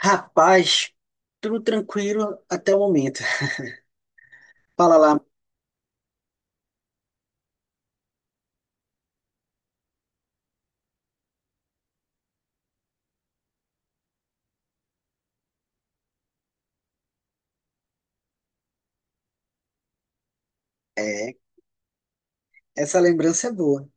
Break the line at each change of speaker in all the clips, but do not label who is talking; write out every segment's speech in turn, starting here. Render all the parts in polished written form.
Rapaz, tudo tranquilo até o momento. Fala lá. É, essa lembrança é boa.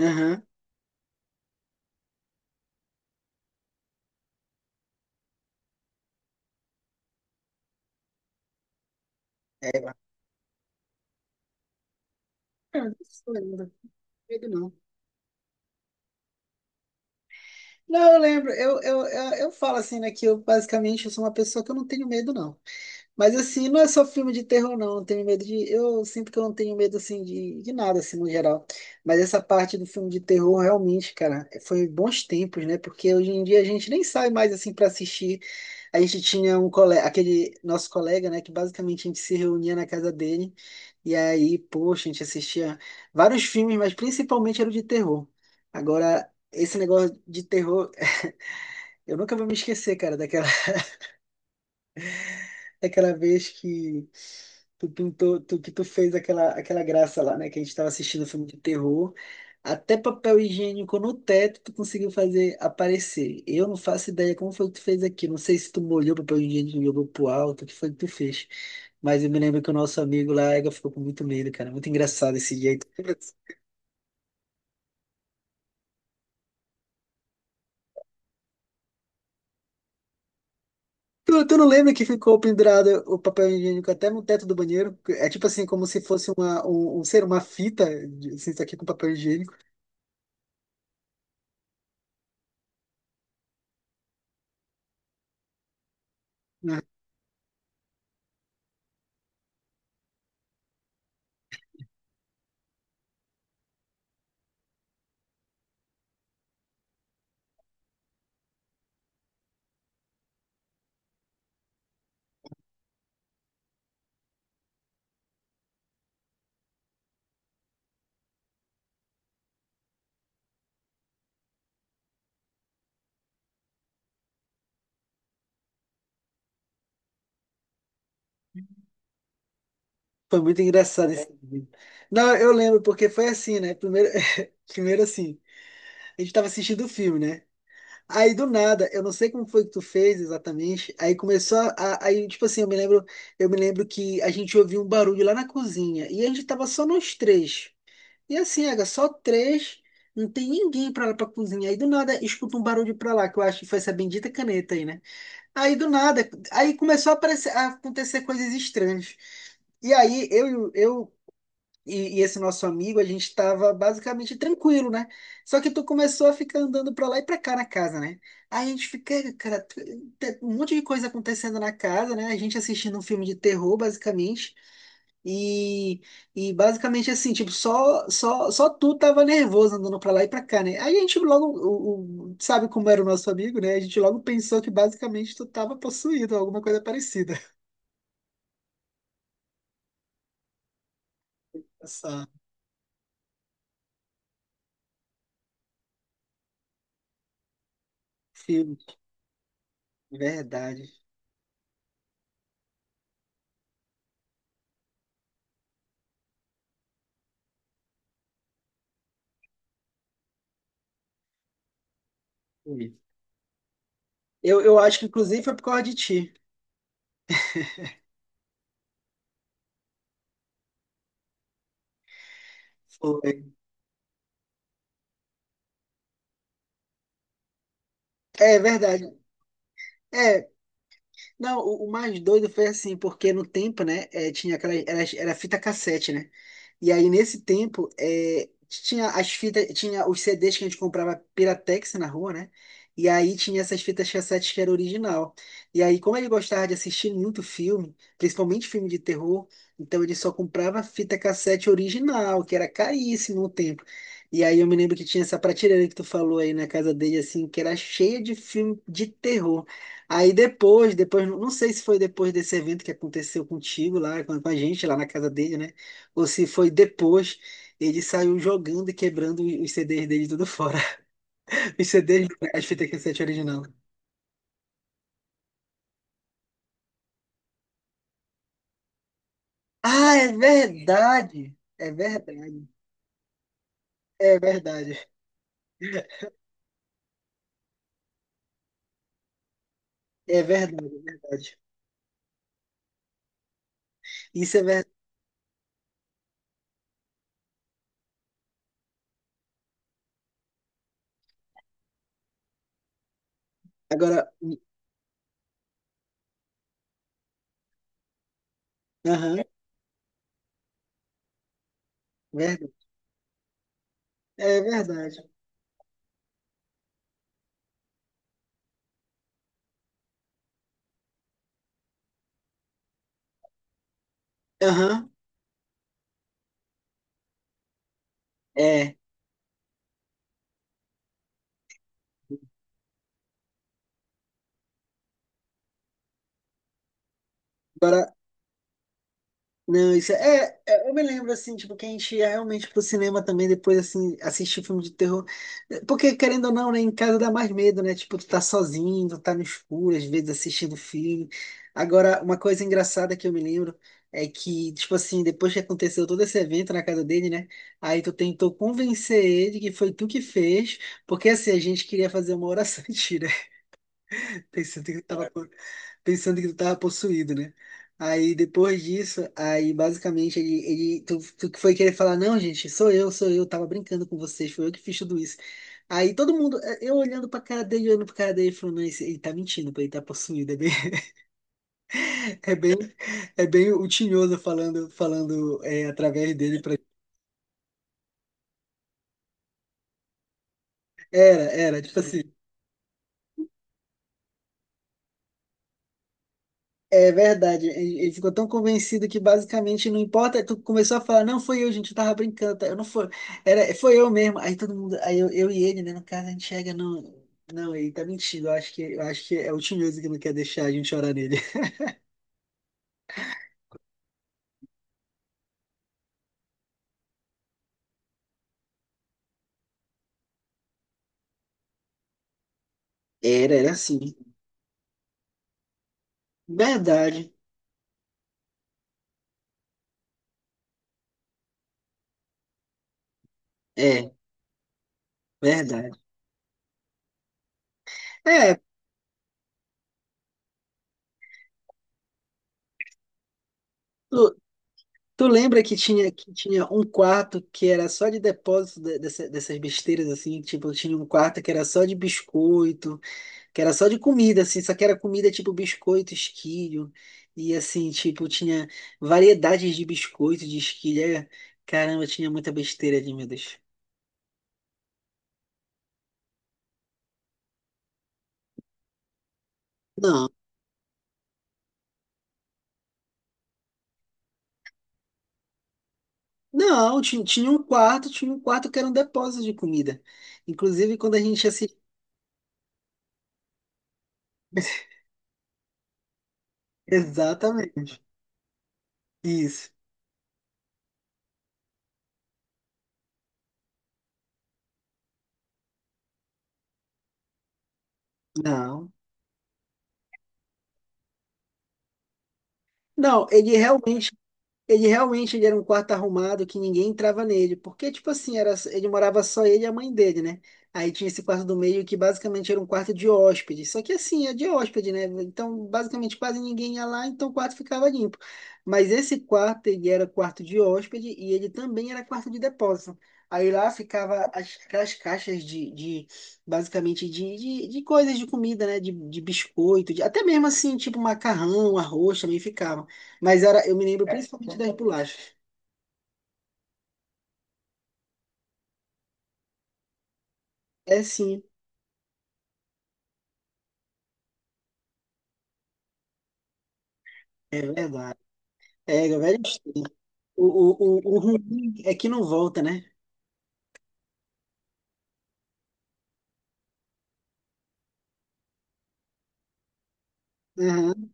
Aham. Isso eu lembro. Medo não. Não, eu lembro. Eu falo assim, né, que eu basicamente eu sou uma pessoa que eu não tenho medo, não. Mas assim, não é só filme de terror, não. Não tenho medo de. Eu sinto que eu não tenho medo assim de nada, assim, no geral. Mas essa parte do filme de terror, realmente, cara, foi bons tempos, né? Porque hoje em dia a gente nem sai mais assim para assistir. A gente tinha um colega, aquele nosso colega, né? Que basicamente a gente se reunia na casa dele. E aí, poxa, a gente assistia vários filmes, mas principalmente era o de terror. Agora, esse negócio de terror, eu nunca vou me esquecer, cara, daquela. Aquela vez que tu fez aquela graça lá, né? Que a gente tava assistindo filme de terror. Até papel higiênico no teto tu conseguiu fazer aparecer. Eu não faço ideia como foi que tu fez aqui. Não sei se tu molhou papel higiênico e jogou pro alto, o que foi que tu fez. Mas eu me lembro que o nosso amigo lá, Ega, ficou com muito medo, cara. Muito engraçado esse jeito. Tu não lembra que ficou pendurado o papel higiênico até no teto do banheiro? É tipo assim, como se fosse uma, um ser, uma fita, assim, isso aqui com papel higiênico. Né? Foi muito engraçado esse vídeo. Não, eu lembro, porque foi assim, né? Primeiro, primeiro assim, a gente tava assistindo o filme, né? Aí do nada, eu não sei como foi que tu fez exatamente. Aí começou aí tipo assim, eu me lembro que a gente ouviu um barulho lá na cozinha e a gente tava só nós três. E assim, Aga, só três, não tem ninguém pra lá pra cozinha. Aí do nada, escuta um barulho pra lá, que eu acho que foi essa bendita caneta aí, né? Aí do nada, aí começou a aparecer, a acontecer coisas estranhas. E aí eu e esse nosso amigo, a gente estava basicamente tranquilo, né? Só que tu começou a ficar andando pra lá e pra cá na casa, né? Aí a gente fica, "Ei, cara, um monte de coisa acontecendo na casa, né? A gente assistindo um filme de terror, basicamente. E, e basicamente assim, tipo, só tu tava nervoso andando pra lá e pra cá, né? Aí a gente logo, sabe como era o nosso amigo, né? A gente logo pensou que basicamente tu tava possuído, alguma coisa parecida. Essa filme, verdade. Ui. Eu acho que inclusive foi por causa de ti. Foi. É verdade. É, não, o mais doido foi assim, porque no tempo, né, tinha aquela, era fita cassete, né? E aí nesse tempo, tinha as fitas, tinha os CDs que a gente comprava Piratex na rua, né? E aí tinha essas fitas cassetes que era original. E aí, como ele gostava de assistir muito filme, principalmente filme de terror, então ele só comprava fita cassete original, que era caríssimo no tempo. E aí eu me lembro que tinha essa prateleira que tu falou aí na casa dele, assim, que era cheia de filme de terror. Aí depois, não sei se foi depois desse evento que aconteceu contigo lá, com a gente lá na casa dele, né? Ou se foi depois, ele saiu jogando e quebrando os CDs dele tudo fora. Os CDs, as fitas cassete original. Ah, é verdade! É verdade. É verdade. É verdade. Isso é verdade. Agora, aham, verdade. É verdade. Aham, é. Agora não, isso eu me lembro, assim, tipo, que a gente ia realmente pro cinema também, depois, assim, assistir filme de terror. Porque, querendo ou não, né, em casa dá mais medo, né? Tipo, tu tá sozinho, tu tá no escuro, às vezes assistindo filme. Agora, uma coisa engraçada que eu me lembro é que, tipo assim, depois que aconteceu todo esse evento na casa dele, né? Aí tu tentou convencer ele que foi tu que fez, porque, assim, a gente queria fazer uma oração pensando que ele tava, pensando que ele tava possuído, né? Aí depois disso, aí basicamente tu que foi querer falar, não, gente, sou eu, tava brincando com vocês, foi eu que fiz tudo isso. Aí todo mundo, eu olhando pra cara dele, olhando pra cara dele, falando, não, ele tá mentindo, pô, ele tá possuído, é bem, é bem o Tinhoso falando, falando através dele pra... Era, era, tipo assim. É verdade, ele ficou tão convencido que basicamente não importa, tu começou a falar, não foi eu, gente, eu tava brincando, tá? eu não foi, era, foi eu mesmo, aí todo mundo, aí eu e ele, né, no caso, a gente chega, não, não, ele tá mentindo, eu acho que é o Tinhoso que não quer deixar a gente chorar nele. Era, era assim, verdade, é, verdade. É, tu, tu lembra que tinha um quarto que era só de depósito dessas besteiras, assim, tipo, tinha um quarto que era só de biscoito, que era só de comida, assim, só que era comida tipo biscoito, esquilho, e assim, tipo, tinha variedades de biscoito, de esquilho, é, caramba, tinha muita besteira ali, meu Deus. Não, não, ti- tinha um quarto, tinha um quarto que era um depósito de comida, inclusive quando a gente assistia, exatamente, isso, não, não, ele realmente ele realmente ele era um quarto arrumado que ninguém entrava nele, porque, tipo assim, era, ele morava só ele e a mãe dele, né? Aí tinha esse quarto do meio que basicamente era um quarto de hóspede, só que assim, é de hóspede, né? Então, basicamente quase ninguém ia lá, então o quarto ficava limpo. Mas esse quarto, ele era quarto de hóspede e ele também era quarto de depósito. Aí lá ficava as, aquelas caixas de basicamente, de coisas de comida, né? De biscoito, até mesmo assim, tipo macarrão, arroz também ficava. Mas era, eu me lembro principalmente das bolachas. É sim, é verdade. É, é velho, o ruim é que não volta, né? Aham,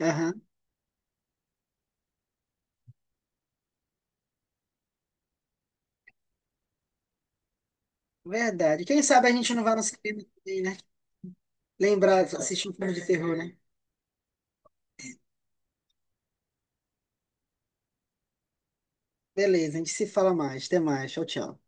aham. Verdade. Quem sabe a gente não vai no cinema também, né? Lembrar, assistir um filme de terror, né? Beleza, a gente se fala mais. Até mais. Tchau, tchau.